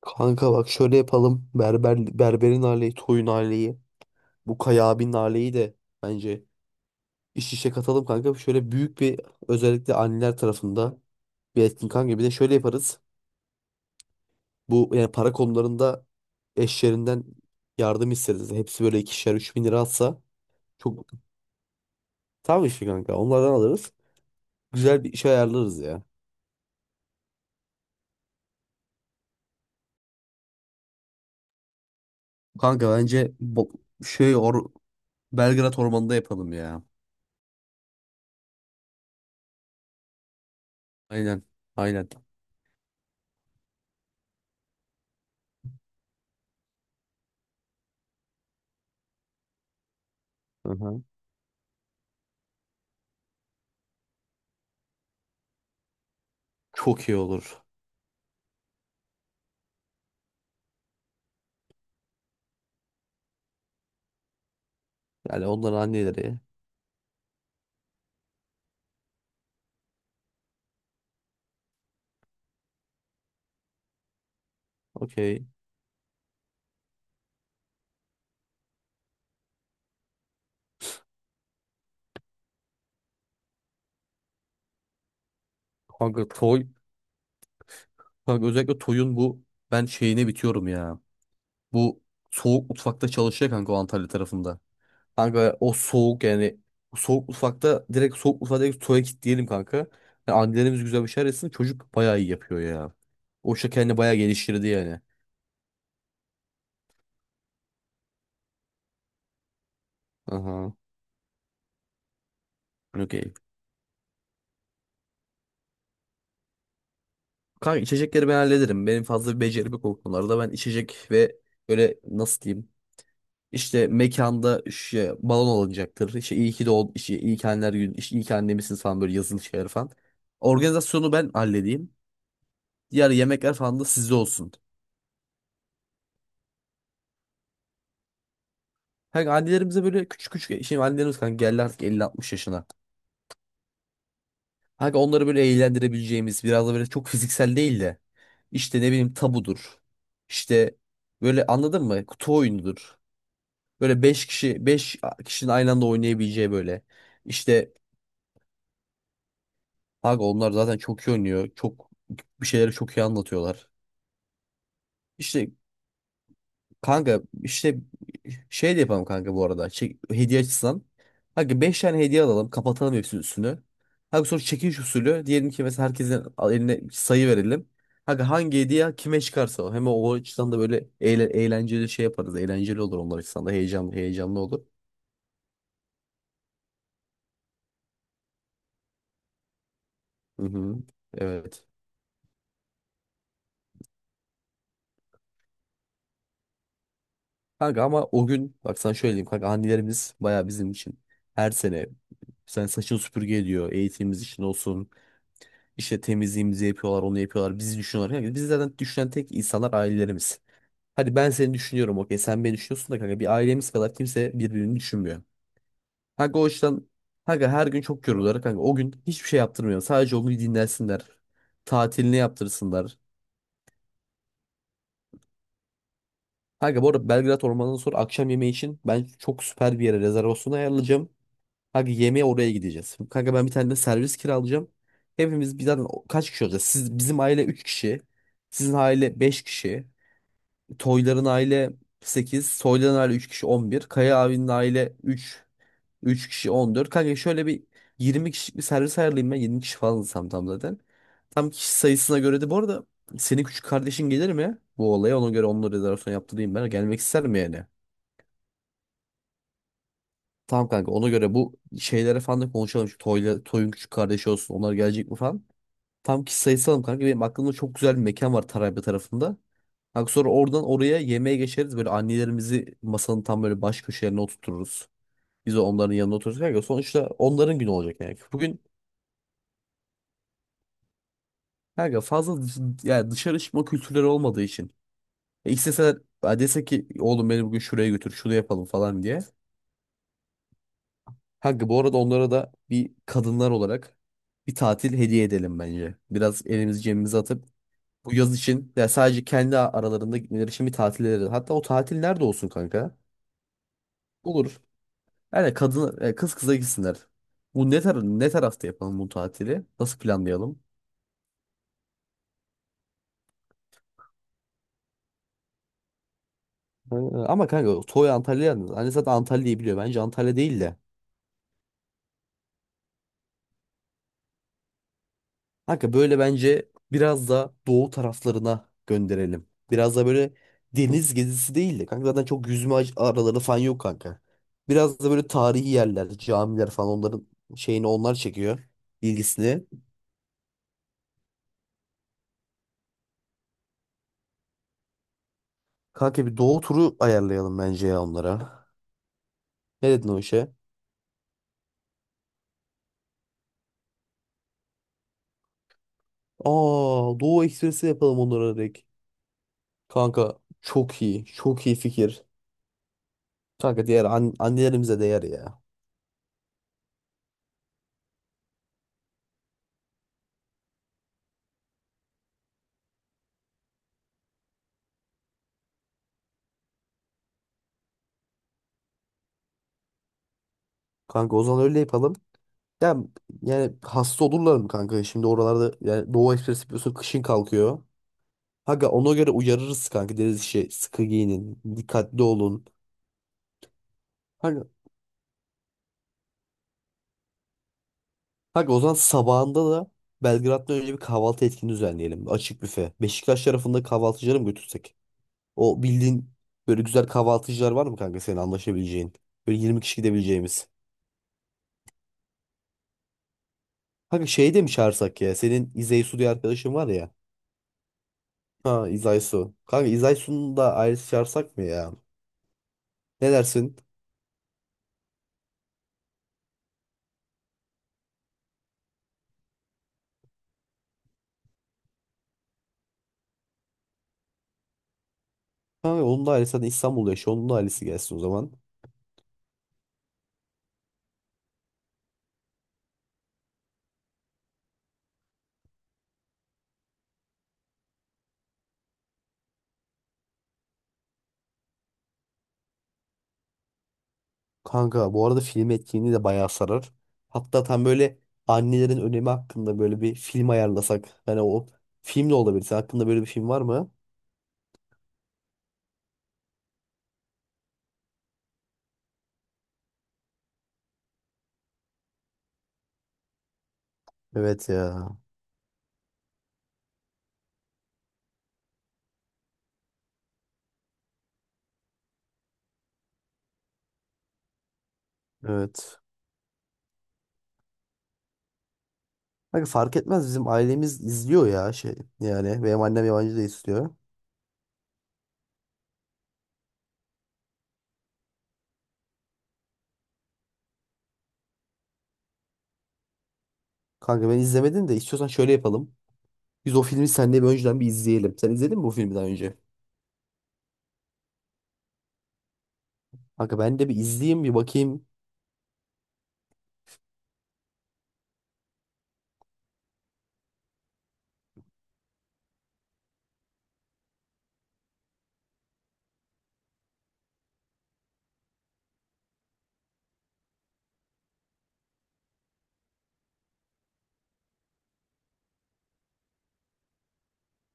Kanka bak şöyle yapalım. Berber, berberin aileyi, toyun aileyi, bu Kaya abinin aileyi de bence iş işe katalım kanka. Şöyle büyük bir özellikle anneler tarafında bir etkin kanka. Bir de şöyle yaparız. Bu yani para konularında eşlerinden yardım isteriz. Hepsi böyle ikişer, 3.000 lira atsa çok tam işi kanka. Onlardan alırız. Güzel bir iş ayarlarız ya. Kanka bence bo- şey or Belgrad Ormanı'nda yapalım ya. Aynen. Aynen. Hı hı. Çok iyi olur. Yani onların anneleri. Okey. Kanka Toy. Kanka özellikle Toy'un bu ben şeyine bitiyorum ya. Bu soğuk mutfakta çalışıyor kanka o Antalya tarafında. Kanka o soğuk yani soğuk mutfakta direkt Toy'a kilitleyelim kanka. Yani annelerimiz güzel bir şeyler etsin. Çocuk bayağı iyi yapıyor ya. O işte kendini bayağı geliştirdi yani. Aha. Okey. Kanka içecekleri ben hallederim. Benim fazla bir becerim yok o konularda. Ben içecek ve böyle nasıl diyeyim. İşte mekanda şey, balon alınacaktır. İşte iyi ki de ol, işte iyi ki anneler günü, işte iyi ki annemişsiniz falan böyle yazılı şeyler falan. Organizasyonu ben halledeyim. Diğer yemekler falan da sizde olsun. Kanka annelerimize böyle küçük küçük şimdi annelerimiz kanka geldi artık 50 60 yaşına. Kanka onları böyle eğlendirebileceğimiz biraz da böyle çok fiziksel değil de işte ne bileyim tabudur. İşte böyle anladın mı? Kutu oyunudur. Böyle 5 kişinin aynı anda oynayabileceği böyle. İşte kanka onlar zaten çok iyi oynuyor. Çok bir şeyleri çok iyi anlatıyorlar. İşte kanka işte şey de yapalım kanka bu arada. Çek, hediye açısından. Kanka 5 tane hediye alalım. Kapatalım hepsinin üstünü. Kanka sonra çekiliş usulü. Diyelim ki mesela herkesin eline sayı verelim. Kanka hangi hediye kime çıkarsa o. Hem o açıdan da böyle eğlenceli şey yaparız. Eğlenceli olur onlar açısından da. Heyecanlı olur. Hı hı. Evet. Kanka ama o gün bak sana şöyle diyeyim kanka annelerimiz baya bizim için her sene sen saçını süpürge ediyor eğitimimiz için olsun işte temizliğimizi yapıyorlar onu yapıyorlar bizi düşünüyorlar kanka bizi zaten düşünen tek insanlar ailelerimiz. Hadi ben seni düşünüyorum okey sen beni düşünüyorsun da kanka bir ailemiz kadar kimse birbirini düşünmüyor. Kanka o yüzden kanka her gün çok yoruluyorlar kanka o gün hiçbir şey yaptırmıyor sadece o gün dinlensinler tatilini yaptırsınlar. Kanka bu arada Belgrad Ormanı'ndan sonra akşam yemeği için ben çok süper bir yere rezervasyon ayarlayacağım. Kanka yemeğe oraya gideceğiz. Kanka ben bir tane de servis kiralayacağım. Hepimiz bir zaten kaç kişi olacağız? Siz, bizim aile 3 kişi. Sizin aile 5 kişi. Toyların aile 8, Soyların aile 3 kişi 11, Kaya abinin aile 3 kişi 14. Kanka şöyle bir 20 kişilik bir servis ayarlayayım ben. 20 kişi falan tam zaten. Tam kişi sayısına göre de bu arada senin küçük kardeşin gelir mi? Bu olaya ona göre onun rezervasyon yaptırayım ben. Gelmek ister mi yani? Tamam kanka ona göre bu şeylere falan da konuşalım. Şu Toy'un küçük kardeşi olsun. Onlar gelecek mi falan. Tam ki sayısı alalım kanka. Benim aklımda çok güzel bir mekan var Tarabya tarafında. Kanka sonra oradan oraya yemeğe geçeriz. Böyle annelerimizi masanın tam böyle baş köşelerine oturturuz. Biz de onların yanına otururuz kanka. Sonuçta onların günü olacak yani. Bugün kanka yani dışarı çıkma kültürleri olmadığı için. İsteseler ha, dese ki oğlum beni bugün şuraya götür şunu yapalım falan diye. Kanka bu arada onlara da bir kadınlar olarak bir tatil hediye edelim bence. Biraz elimizi cebimize atıp bu yaz için ya sadece kendi aralarında gitmeleri için bir tatil edelim. Hatta o tatil nerede olsun kanka? Olur. Yani kadın kız kıza gitsinler. Bu ne tar Ne tarafta yapalım bu tatili? Nasıl planlayalım? Ama kanka Toy Antalya'ya yalnız. Anne zaten Antalya'yı biliyor. Bence Antalya değil de. Kanka böyle bence biraz da doğu taraflarına gönderelim. Biraz da böyle deniz gezisi değil de kanka zaten çok yüzme araları falan yok kanka. Biraz da böyle tarihi yerler, camiler falan onların şeyini onlar çekiyor ilgisini. Kanka bir doğu turu ayarlayalım bence ya onlara. Ne dedin o işe? Aa Doğu Ekspresi yapalım onlara direkt. Kanka çok iyi, çok iyi fikir. Kanka diğer annelerimize değer ya. Kanka o zaman öyle yapalım. Ya yani hasta olurlar mı kanka? Şimdi oralarda yani Doğu Ekspresi yapıyorsun kışın kalkıyor. Kanka ona göre uyarırız kanka. Deriz işte sıkı giyinin, dikkatli olun. Kanka, Kanka o zaman sabahında da Belgrad'da önce bir kahvaltı etkinliği düzenleyelim. Açık büfe. Beşiktaş tarafında kahvaltıcıları mı götürsek? O bildiğin böyle güzel kahvaltıcılar var mı kanka senin anlaşabileceğin? Böyle 20 kişi gidebileceğimiz. Kanka şeyi de mi çağırsak ya? Senin İzey Su diye arkadaşın var ya. Ha İzay Su. Kanka İzay Su'nun da ailesi çağırsak mı ya? Ne dersin? Kanka onun da ailesi zaten İstanbul'da yaşıyor. Onun da ailesi gelsin o zaman. Kanka bu arada film etkinliği de bayağı sarar. Hatta tam böyle annelerin önemi hakkında böyle bir film ayarlasak. Hani o film de olabilir. Senin hakkında böyle bir film var mı? Evet ya. Evet. Kanka fark etmez bizim ailemiz izliyor ya şey. Yani benim annem yabancı da istiyor. Kanka ben izlemedim de istiyorsan şöyle yapalım. Biz o filmi seninle bir önceden bir izleyelim. Sen izledin mi bu filmi daha önce? Kanka ben de bir izleyeyim bir bakayım.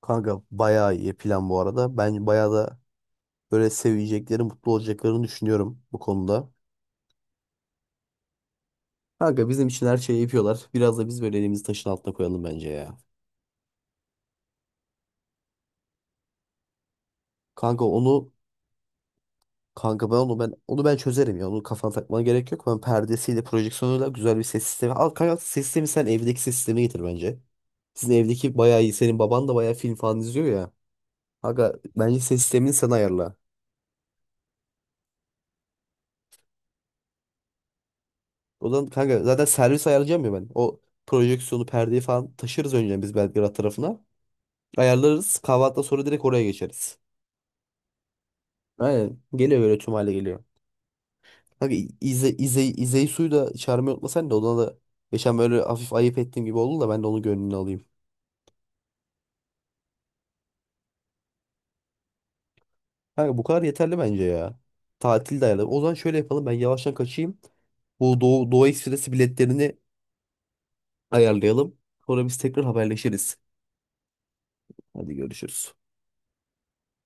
Kanka bayağı iyi plan bu arada. Ben bayağı da böyle sevecekleri, mutlu olacaklarını düşünüyorum bu konuda. Kanka bizim için her şeyi yapıyorlar. Biraz da biz böyle elimizi taşın altına koyalım bence ya. Kanka onu kanka ben çözerim ya. Onu kafana takmana gerek yok. Ben perdesiyle, projeksiyonuyla güzel bir ses sistemi. Al kanka ses sistemi sen evdeki ses sistemi getir bence. Sizin evdeki bayağı iyi. Senin baban da bayağı film falan izliyor ya. Kanka bence ses sistemini sen ayarla. O zaman kanka zaten servis ayarlayacağım ya ben. O projeksiyonu, perdeyi falan taşırız önce biz Belgrad tarafına. Ayarlarız. Kahvaltıdan sonra direkt oraya geçeriz. Aynen. Geliyor böyle tüm hale geliyor. Kanka İzeyi suyu da çağırmayı unutmasan da ona da geçen böyle hafif ayıp ettiğim gibi oldu da ben de onun gönlünü alayım. Kanka bu kadar yeterli bence ya. Tatil de ayarlayalım. O zaman şöyle yapalım ben yavaştan kaçayım. Bu Doğu Ekspresi biletlerini ayarlayalım. Sonra biz tekrar haberleşiriz. Hadi görüşürüz.